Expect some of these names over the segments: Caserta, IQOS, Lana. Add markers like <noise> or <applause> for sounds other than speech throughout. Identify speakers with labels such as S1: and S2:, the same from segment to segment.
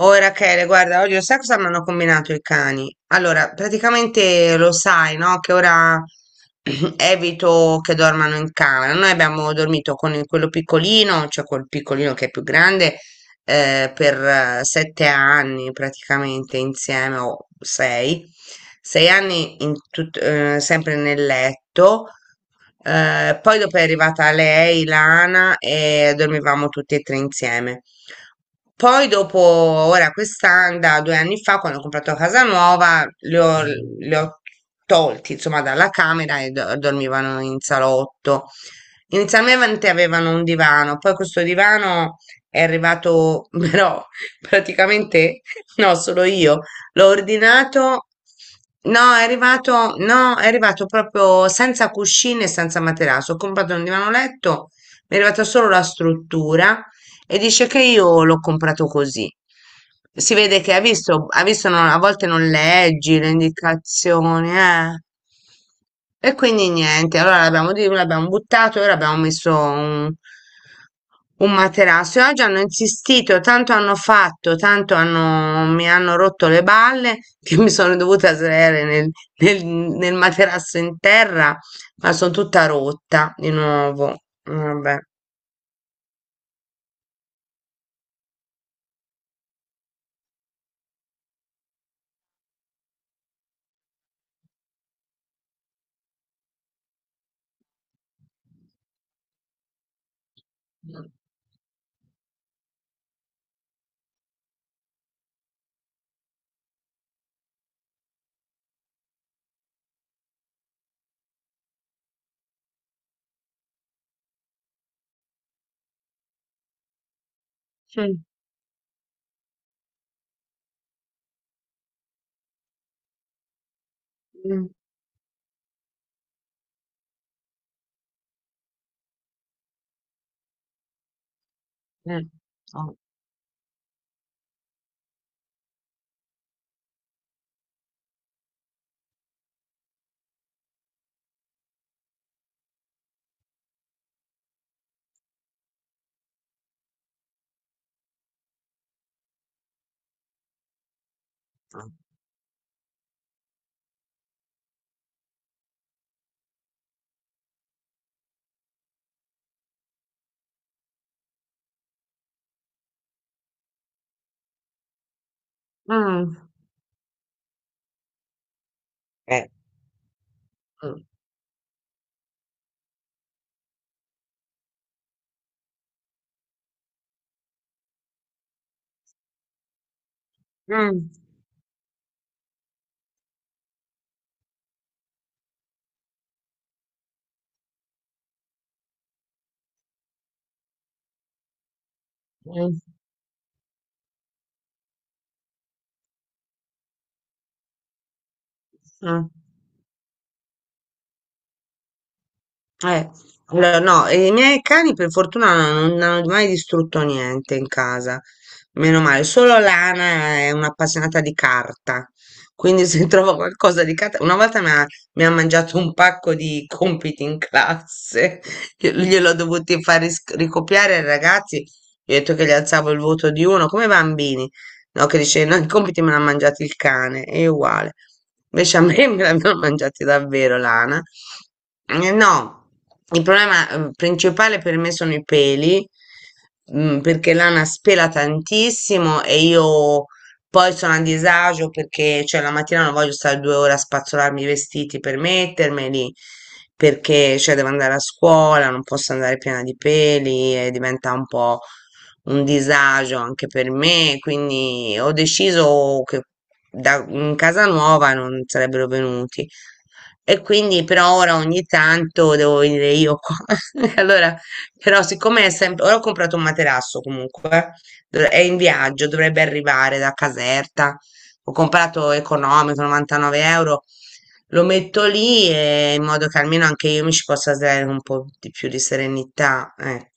S1: Oh Rachele, guarda, oggi lo sai cosa mi hanno combinato i cani? Allora, praticamente lo sai, no? Che ora <clears throat> evito che dormano in camera. Noi abbiamo dormito con quello piccolino, cioè quel piccolino che è più grande, per 7 anni praticamente insieme, o sei anni in sempre nel letto. Poi dopo è arrivata lei, Lana, e dormivamo tutti e tre insieme. Poi dopo, ora quest'anno, da 2 anni fa, quando ho comprato casa nuova, li ho tolti, insomma, dalla camera e dormivano in salotto. Inizialmente avevano un divano, poi questo divano è arrivato, <laughs> però praticamente no, sono io. L'ho ordinato. No, è arrivato, no, è arrivato proprio senza cuscine e senza materasso. Ho comprato un divano letto, mi è arrivata solo la struttura e dice che io l'ho comprato così. Si vede che ha visto, non- a volte non leggi le indicazioni, eh. E quindi niente, allora l'abbiamo buttato e ora abbiamo messo un materasso. E oggi hanno insistito, tanto hanno fatto, mi hanno rotto le balle che mi sono dovuta sdraiare nel materasso in terra, ma sono tutta rotta di nuovo. Vabbè. Mm. Mh. Mh. Mh. Eh. Mh. Mh. Mh. Mh. Eh, allora, no, i miei cani per fortuna non hanno mai distrutto niente in casa, meno male, solo Lana è un'appassionata di carta, quindi se <laughs> trovo qualcosa di carta, una volta mi ha mangiato un pacco di compiti in classe, <laughs> gliel'ho dovuti far ricopiare ai ragazzi, gli ho detto che gli alzavo il voto di uno, come i bambini, no, che dice, no, i compiti me l'ha mangiati il cane, è uguale, invece a me <laughs> me l'hanno mangiati davvero Lana. No, il problema principale per me sono i peli, mm, perché l'ana spela tantissimo e io poi sono a disagio perché cioè, la mattina non voglio stare 2 ore a spazzolarmi i vestiti per mettermeli, perché cioè, devo andare a scuola, non posso andare piena di peli e diventa un po' un disagio anche per me, quindi ho deciso che in casa nuova non sarebbero venuti. E quindi però ora ogni tanto devo venire io qua. <laughs> E allora, però siccome è sempre. Ora ho comprato un materasso comunque, è in viaggio, dovrebbe arrivare da Caserta. Ho comprato economico, 99 euro. Lo metto lì e in modo che almeno anche io mi ci possa dare un po' di più di serenità.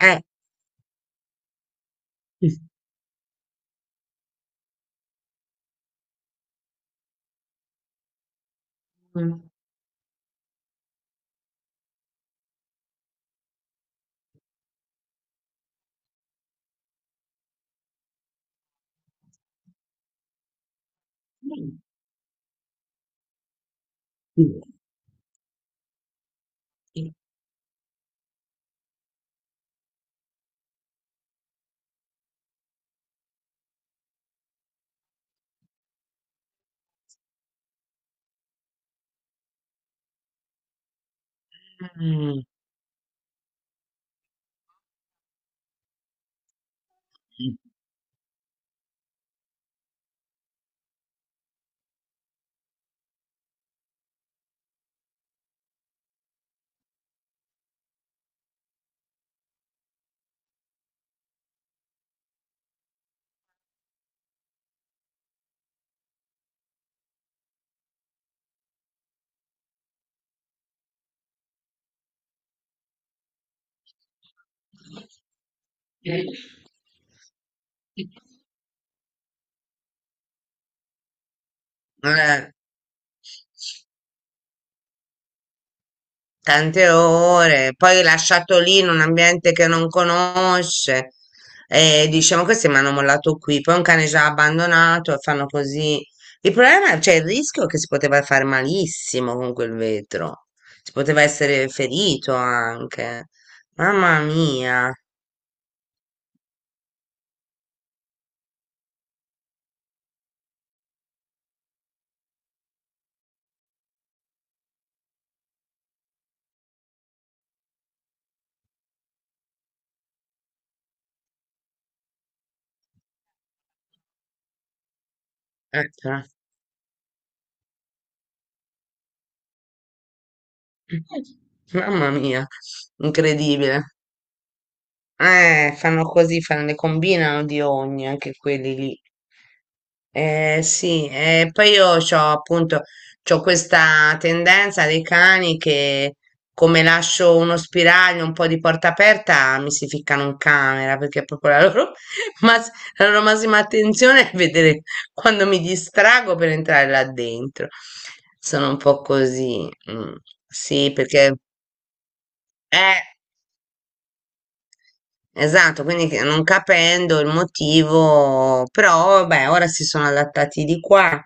S1: Eh. Mm. Eh. Tante ore, poi lasciato lì in un ambiente che non conosce e dice, ma questi mi hanno mollato qui, poi un cane già abbandonato e fanno così. Il problema, cioè il rischio è che si poteva fare malissimo con quel vetro, si poteva essere ferito anche. Mamma mia, eh, però mamma mia, incredibile. Fanno così, fanno, ne combinano di ogni, anche quelli lì. Sì, poi io ho appunto c'ho questa tendenza dei cani che come lascio uno spiraglio, un po' di porta aperta, mi si ficcano in camera perché proprio la loro, <laughs> mas- la loro massima attenzione è vedere quando mi distrago per entrare là dentro. Sono un po' così. Mm, sì, perché eh, esatto, non capendo il motivo, però beh, ora si sono adattati di qua.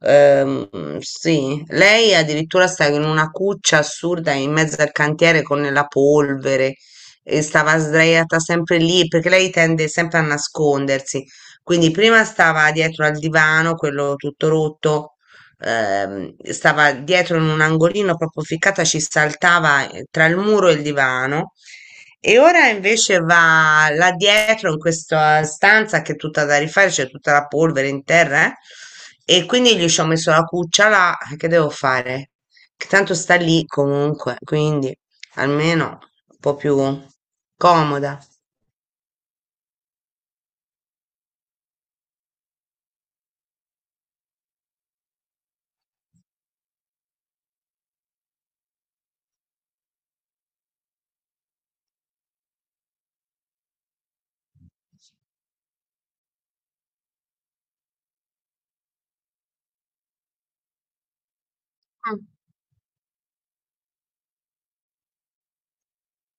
S1: Sì, lei addirittura stava in una cuccia assurda in mezzo al cantiere con la polvere e stava sdraiata sempre lì perché lei tende sempre a nascondersi. Quindi prima stava dietro al divano, quello tutto rotto, stava dietro in un angolino proprio ficcata, ci saltava tra il muro e il divano. E ora invece va là dietro in questa stanza che è tutta da rifare, c'è tutta la polvere in terra, e quindi gli ci ho messo la cuccia là, che devo fare? Che tanto sta lì comunque, quindi almeno un po' più comoda.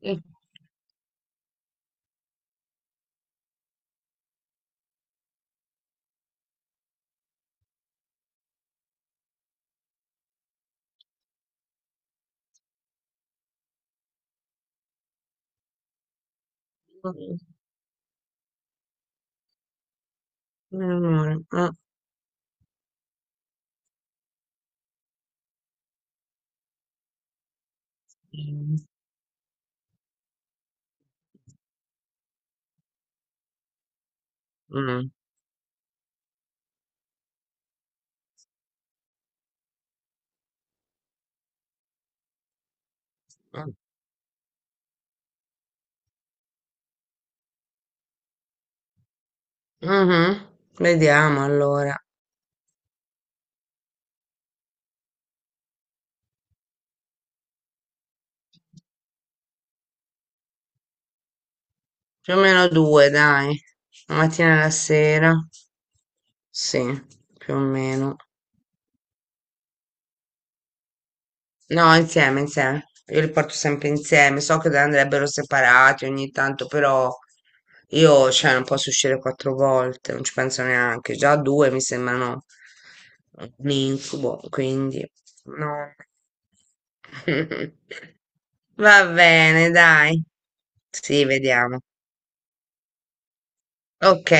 S1: Eh, Mm, mm, mm, mm. Mhm. Vediamo allora. Più o meno due, dai. La mattina e la sera. Sì, più o meno. No, insieme, insieme. Io li porto sempre insieme. So che andrebbero separati ogni tanto, però io, cioè, non posso uscire 4 volte, non ci penso neanche. Già due mi sembrano un incubo, quindi no. <laughs> Va bene, dai. Sì, vediamo. Ok.